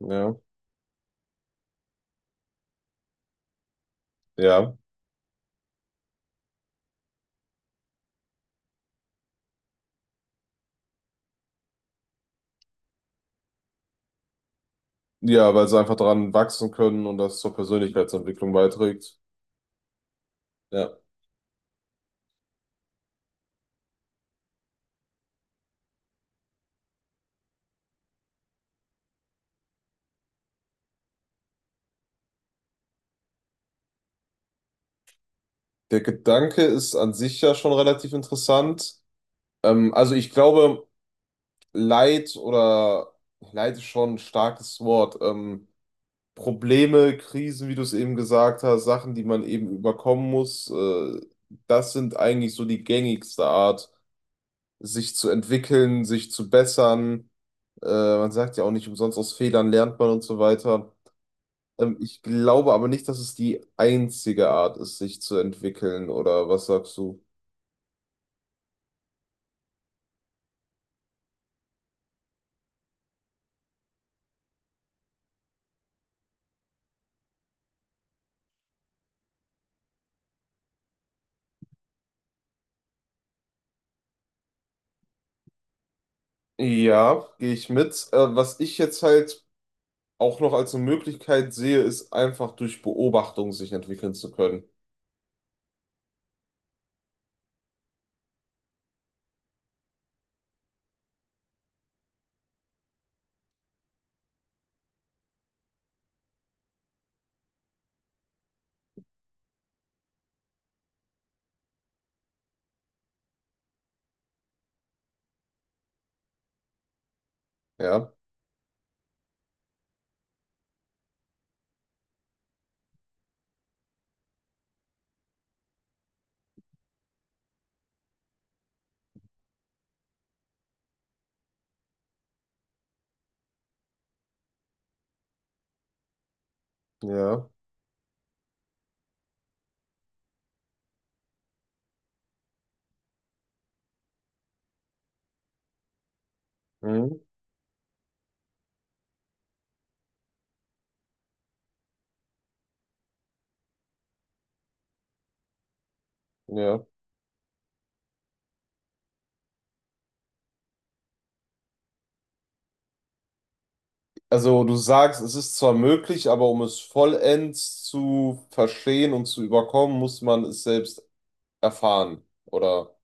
Ja, ja. Ja, weil sie einfach daran wachsen können und das zur Persönlichkeitsentwicklung beiträgt. Ja. Der Gedanke ist an sich ja schon relativ interessant. Also ich glaube, Leid oder Leid ist schon ein starkes Wort. Probleme, Krisen, wie du es eben gesagt hast, Sachen, die man eben überkommen muss, das sind eigentlich so die gängigste Art, sich zu entwickeln, sich zu bessern. Man sagt ja auch nicht umsonst, aus Fehlern lernt man und so weiter. Ich glaube aber nicht, dass es die einzige Art ist, sich zu entwickeln, oder was sagst du? Ja, gehe ich mit. Was ich jetzt halt auch noch als eine Möglichkeit sehe, ist einfach durch Beobachtung sich entwickeln zu können. Ja, ja, mhm, ja. Also du sagst, es ist zwar möglich, aber um es vollends zu verstehen und zu überkommen, muss man es selbst erfahren, oder?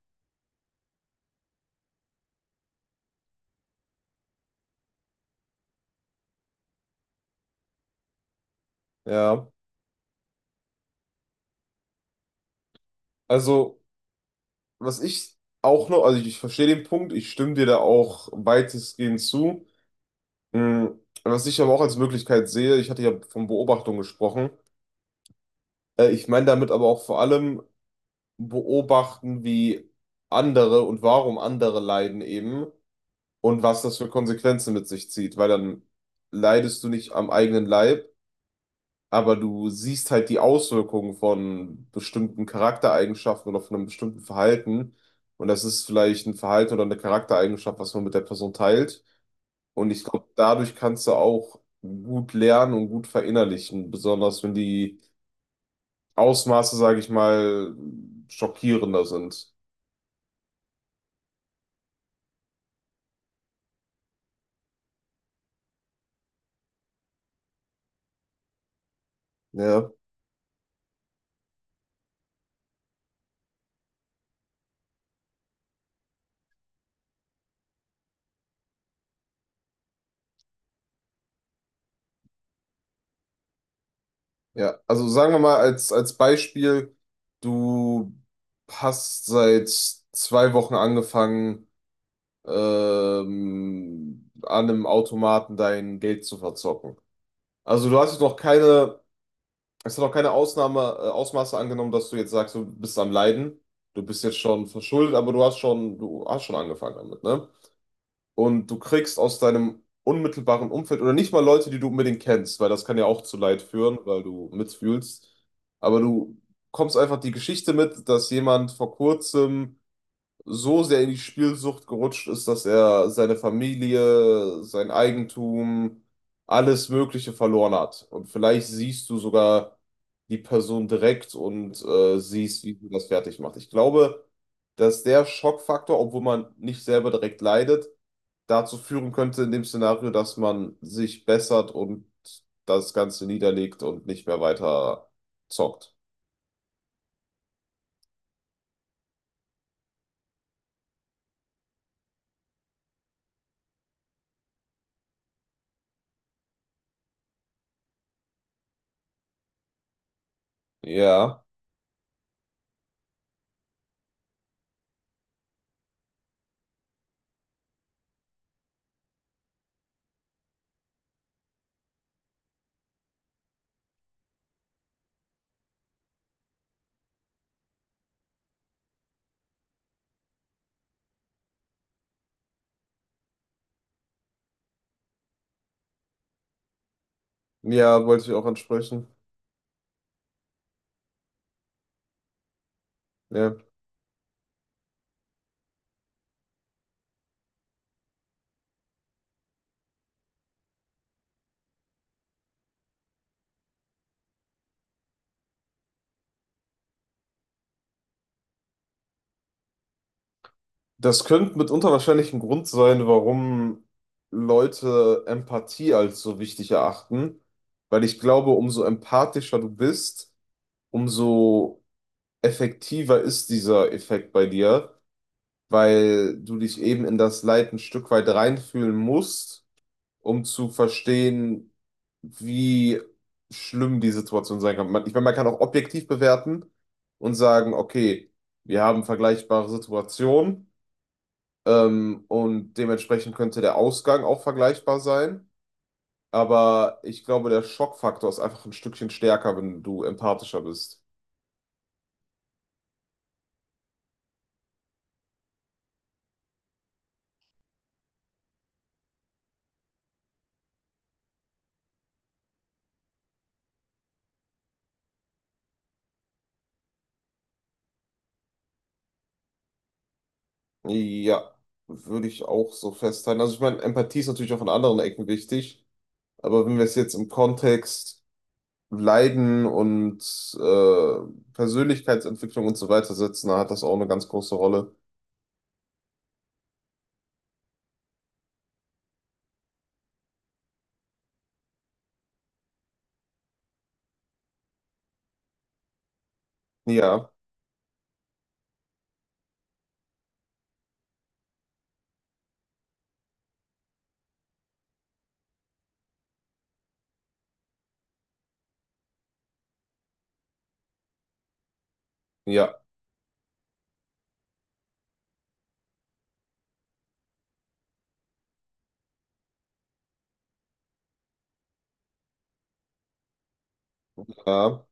Ja. Also, was ich auch noch, also ich verstehe den Punkt, ich stimme dir da auch weitestgehend zu. Was ich aber auch als Möglichkeit sehe, ich hatte ja von Beobachtung gesprochen. Ich meine damit aber auch vor allem beobachten, wie andere und warum andere leiden eben und was das für Konsequenzen mit sich zieht, weil dann leidest du nicht am eigenen Leib, aber du siehst halt die Auswirkungen von bestimmten Charaktereigenschaften oder von einem bestimmten Verhalten. Und das ist vielleicht ein Verhalten oder eine Charaktereigenschaft, was man mit der Person teilt. Und ich glaube, dadurch kannst du auch gut lernen und gut verinnerlichen, besonders wenn die Ausmaße, sage ich mal, schockierender sind. Ja, ja. Also sagen wir mal als, als Beispiel, du hast seit 2 Wochen angefangen, an einem Automaten dein Geld zu verzocken. Also du hast jetzt noch keine, es hat noch keine Ausnahme, Ausmaße angenommen, dass du jetzt sagst, du bist am Leiden, du bist jetzt schon verschuldet, aber du hast schon angefangen damit, ne? Und du kriegst aus deinem unmittelbaren Umfeld oder nicht mal Leute, die du unbedingt kennst, weil das kann ja auch zu Leid führen, weil du mitfühlst. Aber du kommst einfach die Geschichte mit, dass jemand vor kurzem so sehr in die Spielsucht gerutscht ist, dass er seine Familie, sein Eigentum, alles Mögliche verloren hat. Und vielleicht siehst du sogar die Person direkt und siehst, wie sie das fertig macht. Ich glaube, dass der Schockfaktor, obwohl man nicht selber direkt leidet, dazu führen könnte in dem Szenario, dass man sich bessert und das Ganze niederlegt und nicht mehr weiter zockt. Ja, ja, wollte ich auch ansprechen. Ja. Das könnte mitunter wahrscheinlich ein Grund sein, warum Leute Empathie als so wichtig erachten, weil ich glaube, umso empathischer du bist, umso effektiver ist dieser Effekt bei dir, weil du dich eben in das Leid ein Stück weit reinfühlen musst, um zu verstehen, wie schlimm die Situation sein kann. Ich meine, man kann auch objektiv bewerten und sagen, okay, wir haben vergleichbare Situationen. Und dementsprechend könnte der Ausgang auch vergleichbar sein. Aber ich glaube, der Schockfaktor ist einfach ein Stückchen stärker, wenn du empathischer bist. Ja, würde ich auch so festhalten. Also ich meine, Empathie ist natürlich auch in anderen Ecken wichtig. Aber wenn wir es jetzt im Kontext Leiden und äh, Persönlichkeitsentwicklung und so weiter setzen, dann hat das auch eine ganz große Rolle. Ja, ja, ja.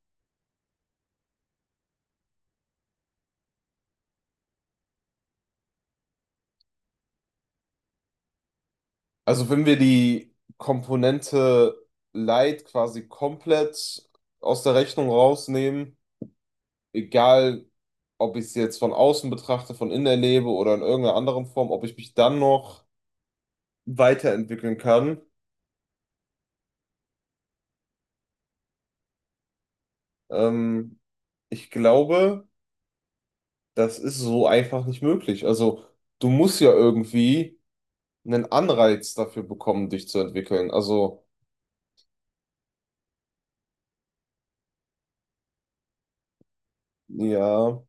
Also wenn wir die Komponente Light quasi komplett aus der Rechnung rausnehmen, egal ob ich es jetzt von außen betrachte, von innen erlebe oder in irgendeiner anderen Form, ob ich mich dann noch weiterentwickeln kann, ähm, ich glaube, das ist so einfach nicht möglich. Also du musst ja irgendwie einen Anreiz dafür bekommen, dich zu entwickeln. Also ja,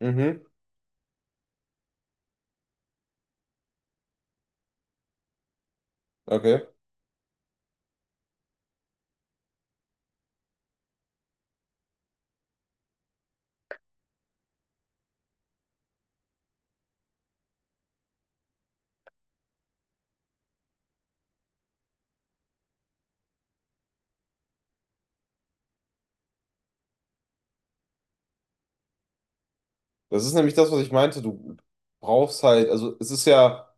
mhm, okay. Das ist nämlich das, was ich meinte. Du brauchst halt, also es ist ja,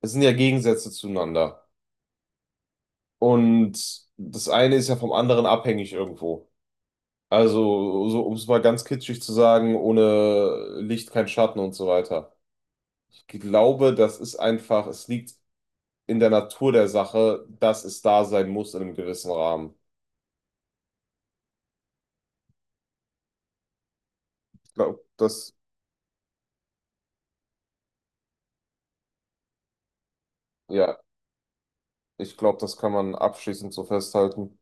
es sind ja Gegensätze zueinander. Und das eine ist ja vom anderen abhängig irgendwo. Also, so, um es mal ganz kitschig zu sagen, ohne Licht kein Schatten und so weiter. Ich glaube, das ist einfach, es liegt in der Natur der Sache, dass es da sein muss in einem gewissen Rahmen. Ich glaube, das, ja, ich glaube, das kann man abschließend so festhalten.